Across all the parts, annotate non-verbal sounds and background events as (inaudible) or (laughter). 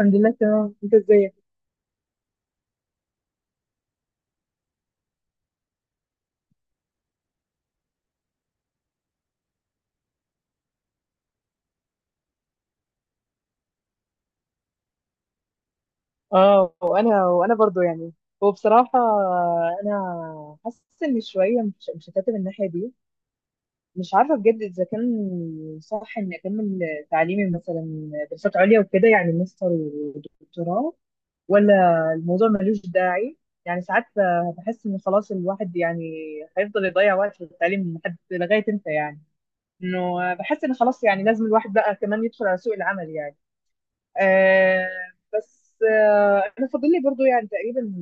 الحمد لله، تمام. انت ازيك؟ اه، وانا برضو يعني. هو بصراحة، انا حاسس ان شوية مش هكتب الناحية دي. مش عارفة بجد اذا كان صح اني اكمل تعليمي مثلا دراسات عليا وكده يعني ماستر ودكتوراه، ولا الموضوع ملوش داعي. يعني ساعات بحس ان خلاص الواحد يعني هيفضل يضيع وقت في التعليم لحد لغاية امتى يعني، انه بحس ان خلاص يعني لازم الواحد بقى كمان يدخل على سوق العمل يعني. آه. بس انا فاضل لي برضو يعني تقريبا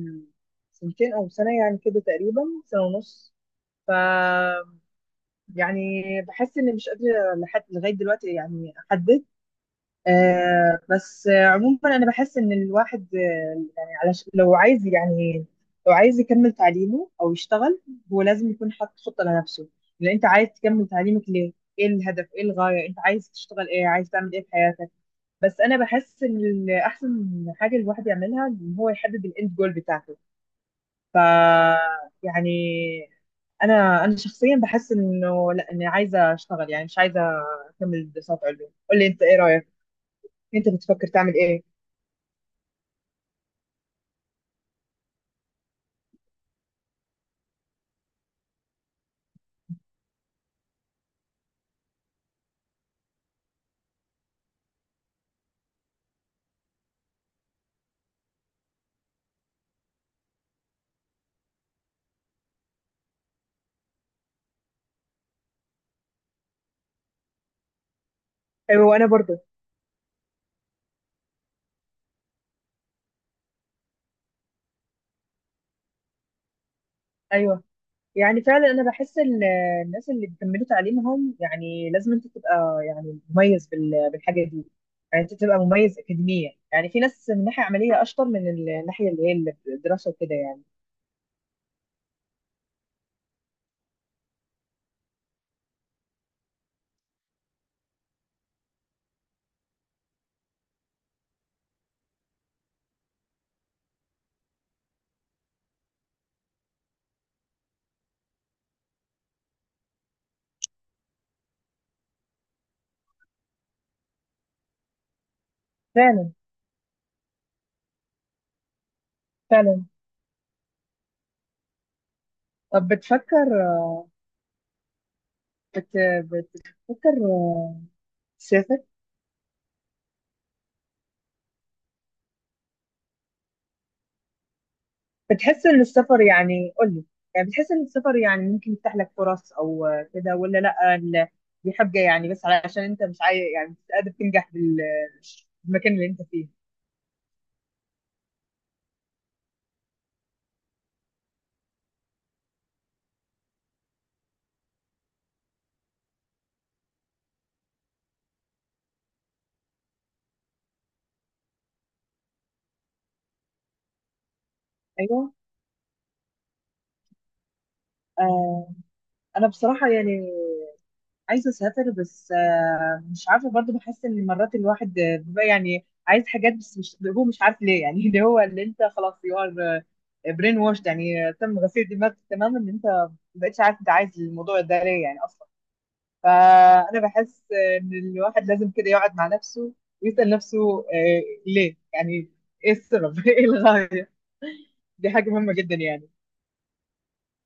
سنتين او سنه، يعني كده تقريبا سنه ونص. ف يعني بحس اني مش قادره لحد لغايه دلوقتي يعني احدد. بس عموما انا بحس ان الواحد يعني لو عايز يعني لو عايز يكمل تعليمه او يشتغل، هو لازم يكون حاطط خطه لنفسه. لان انت عايز تكمل تعليمك ليه؟ ايه الهدف؟ ايه الغايه؟ انت عايز تشتغل ايه؟ عايز تعمل ايه في حياتك؟ بس انا بحس ان احسن حاجه الواحد يعملها ان هو يحدد الاند جول بتاعته. ف يعني، انا شخصيا بحس انه لا، اني عايزه اشتغل يعني، مش عايزه اكمل دراسات علوم. قول لي انت، ايه رايك؟ انت بتفكر تعمل ايه؟ ايوه، وانا برضو. ايوه، يعني فعلا انا بحس الناس اللي بيكملوا تعليمهم يعني لازم انت تبقى يعني مميز بالحاجه دي. يعني انت تبقى مميز اكاديميا. يعني في ناس من ناحيه عمليه اشطر من الناحيه اللي هي الدراسه وكده يعني. فعلا، فعلا. طب بتفكر، بت... بتفكر تسافر؟ بتحس ان السفر يعني، قول لي، يعني بتحس ان السفر يعني ممكن يفتح لك فرص او كده، ولا لا دي حاجة يعني بس علشان انت مش عايز، يعني مش قادر تنجح بالمكان اللي انت فيه؟ ايوه. آه انا بصراحة يعني عايزه اسافر، بس مش عارفه برضو. بحس ان مرات الواحد بيبقى يعني عايز حاجات بس مش، هو مش عارف ليه يعني. (laughs) اللي هو، اللي انت خلاص يو ار برين واشد يعني. تم غسيل دماغك تماما، ان انت ما بقتش عارف انت عايز الموضوع ده ليه يعني اصلا. فانا بحس ان الواحد لازم كده يقعد مع نفسه ويسال نفسه، ليه يعني؟ ايه السبب؟ (laughs) ايه الغايه؟ دي حاجه مهمه جدا يعني.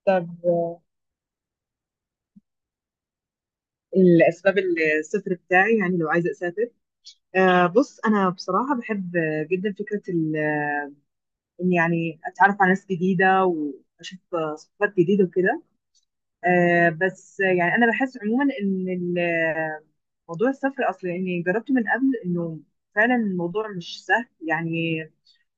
طب الاسباب، السفر بتاعي يعني لو عايزه اسافر. بص، أنا بصراحة بحب جدا فكرة إن يعني أتعرف على ناس جديدة وأشوف ثقافات جديدة وكده. بس يعني أنا بحس عموما إن موضوع السفر أصلا يعني جربته من قبل، إنه فعلا الموضوع مش سهل يعني.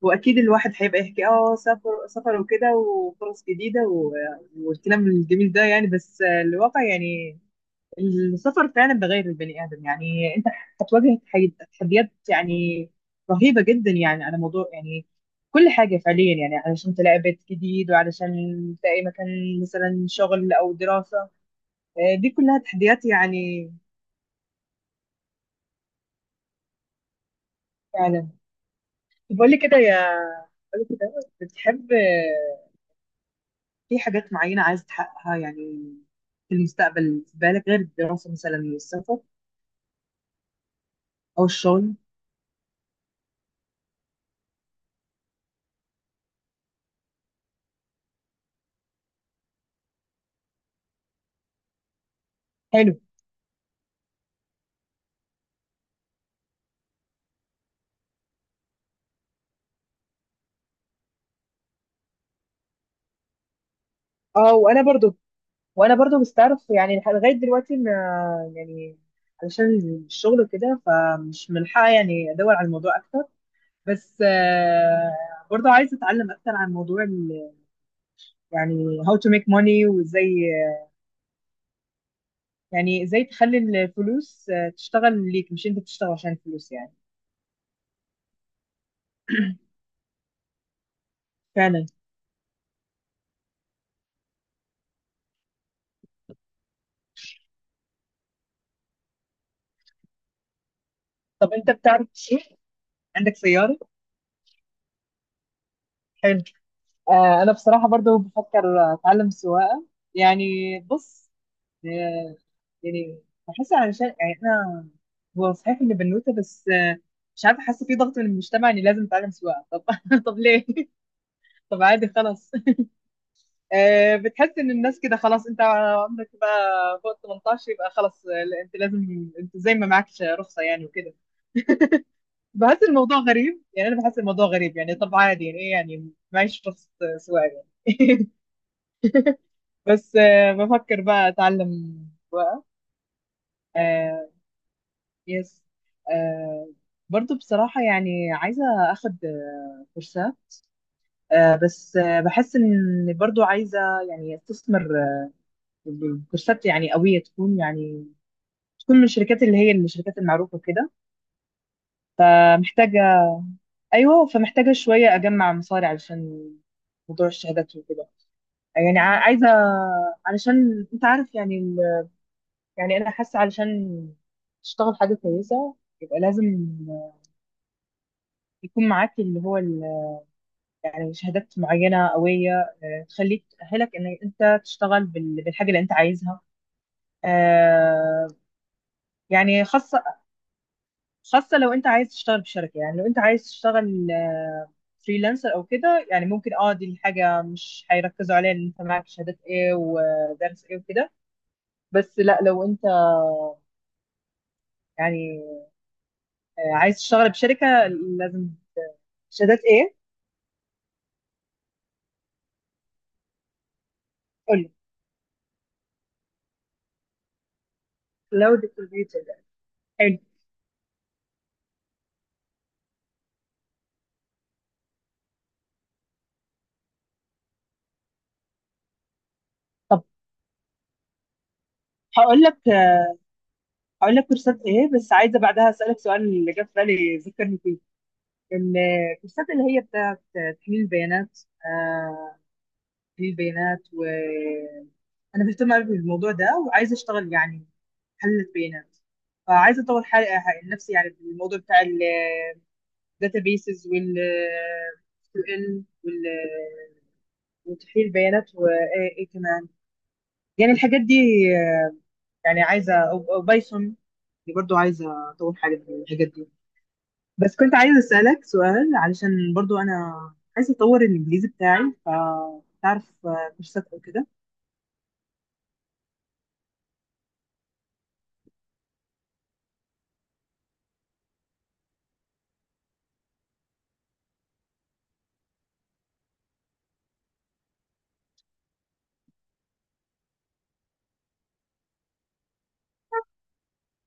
وأكيد الواحد هيبقى يحكي، أه سفر سفر وكده، وفرص جديدة، و- والكلام الجميل ده يعني. بس الواقع يعني، السفر فعلا بغير البني ادم يعني. (laughs) انت هتواجه تحديات يعني رهيبه جدا. يعني على موضوع يعني كل حاجه، فعليا يعني، علشان تلاقي بيت جديد، وعلشان تلاقي مكان مثلا شغل او دراسه. دي كلها تحديات يعني. فعلا. طب قول لي كده يا، قولي كده، بتحب في حاجات معينه عايز تحققها يعني في المستقبل، في بالك غير الدراسه مثلا والسفر او الشغل؟ حلو. اه، وانا برضو، وانا برضو مستعرف يعني لغايه دلوقتي ما، يعني علشان الشغل وكده فمش ملحقه يعني ادور على الموضوع اكتر. بس برضو عايزه اتعلم اكتر عن موضوع يعني how to make money، وازاي يعني ازاي تخلي الفلوس تشتغل ليك، مش انت بتشتغل عشان الفلوس يعني. فعلا. طب انت بتعرف تسوق؟ عندك سياره؟ حلو. انا بصراحه برضو بفكر اتعلم سواقه. يعني بص، هي- يعني بحس علشان يعني انا، هو صحيح اني بنوته، بس مش عارفه، حاسه في ضغط من المجتمع اني لازم اتعلم سواقه. طب (laughs) طب ليه؟ طب عادي خلاص. بتحس ان الناس كده خلاص، انت عمرك بقى فوق 18 يبقى خلاص، لا، انت لازم، انت زي ما معكش رخصه يعني وكده. بحس الموضوع غريب يعني، انا بحس الموضوع غريب يعني. طب عادي يعني، ايه يعني معيش رخصه سواقه يعني؟ (laughs) بس بفكر بقى اتعلم سواقه. آه، يس. آه، برضو بصراحة يعني عايزة أخد كورسات. آه، بس بحس إن برضو عايزة يعني أستثمر كورسات يعني قوية، تكون يعني تكون من الشركات اللي هي الشركات المعروفة كده. آه، محتاجة، أيوة، فمحتاجة شوية أجمع مصاري علشان موضوع الشهادات وكده. يعني عايزة، علشان أنت عارف يعني يعني أنا حاسة، علشان تشتغل حاجة كويسة يبقى لازم يكون معاك اللي هو يعني شهادات معينة قوية، تخليك، تأهلك إن أنت تشتغل بالحاجة اللي أنت عايزها. آه، يعني خاصة، خاصة لو أنت عايز تشتغل في شركة. يعني لو أنت عايز تشتغل فريلانسر أو كده، يعني ممكن أه دي الحاجة مش هيركزوا عليها إن أنت معاك شهادات إيه ودرس إيه وكده. بس لا، لو أنت يعني عايز تشتغل بشركة لازم شهادات إيه. قولي. لو ديكوريتور. حلو. طب هقول لك، هقول لك كورسات ايه، بس عايزه بعدها اسالك سؤال اللي جه في بالي، ذكرني فيه. الكورسات اللي هي بتاعت تحليل البيانات. آه، تحليل البيانات. انا مهتمه قوي بالموضوع ده، وعايزه اشتغل يعني محلل بيانات. فعايزه اطور حالي، نفسي يعني في الموضوع بتاع الداتابيسز، وال اس كيو ال، وتحليل البيانات، وايه كمان يعني الحاجات دي. يعني عايزه، او أو بايثون، برضو عايزه اطور حالي في الحاجات دي. بس كنت عايزة أسألك سؤال، علشان برضو أنا عايزة أطور الإنجليزي بتاعي. فتعرف كورسات أو كده؟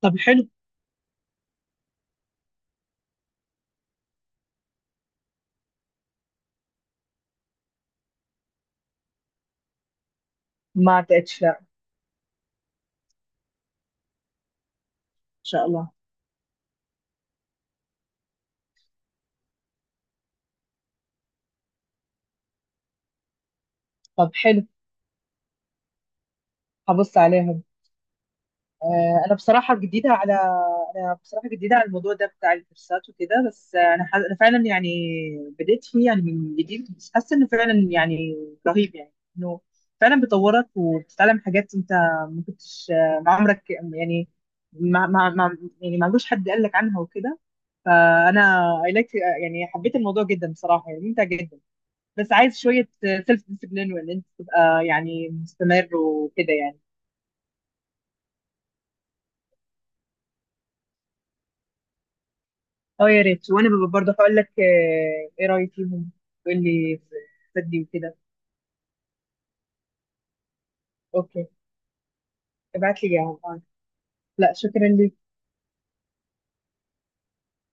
طب حلو. ما لقيتش، لا. إن شاء الله. طب حلو، هبص عليها. انا بصراحه جديده على، انا بصراحه جديده على الموضوع ده بتاع الكورسات وكده. بس انا انا فعلا يعني بديت فيه يعني من جديد، بس حاسه انه فعلا يعني رهيب يعني، انه فعلا بيطورك وبتتعلم حاجات انت ما كنتش، ما عمرك يعني، ما ما ما يعني ما عندوش حد قال لك عنها وكده. فانا اي لايك يعني، حبيت الموضوع جدا بصراحه، يعني ممتع جدا. بس عايز شويه سيلف ديسيبلين، وان انت تبقى يعني مستمر وكده يعني. اه يا ريت، وانا ببقى برضه هقول لك ايه رايي فيهم. تقول لي فادي وكده. اوكي، ابعت لي يا عم. لا، شكرا ليك.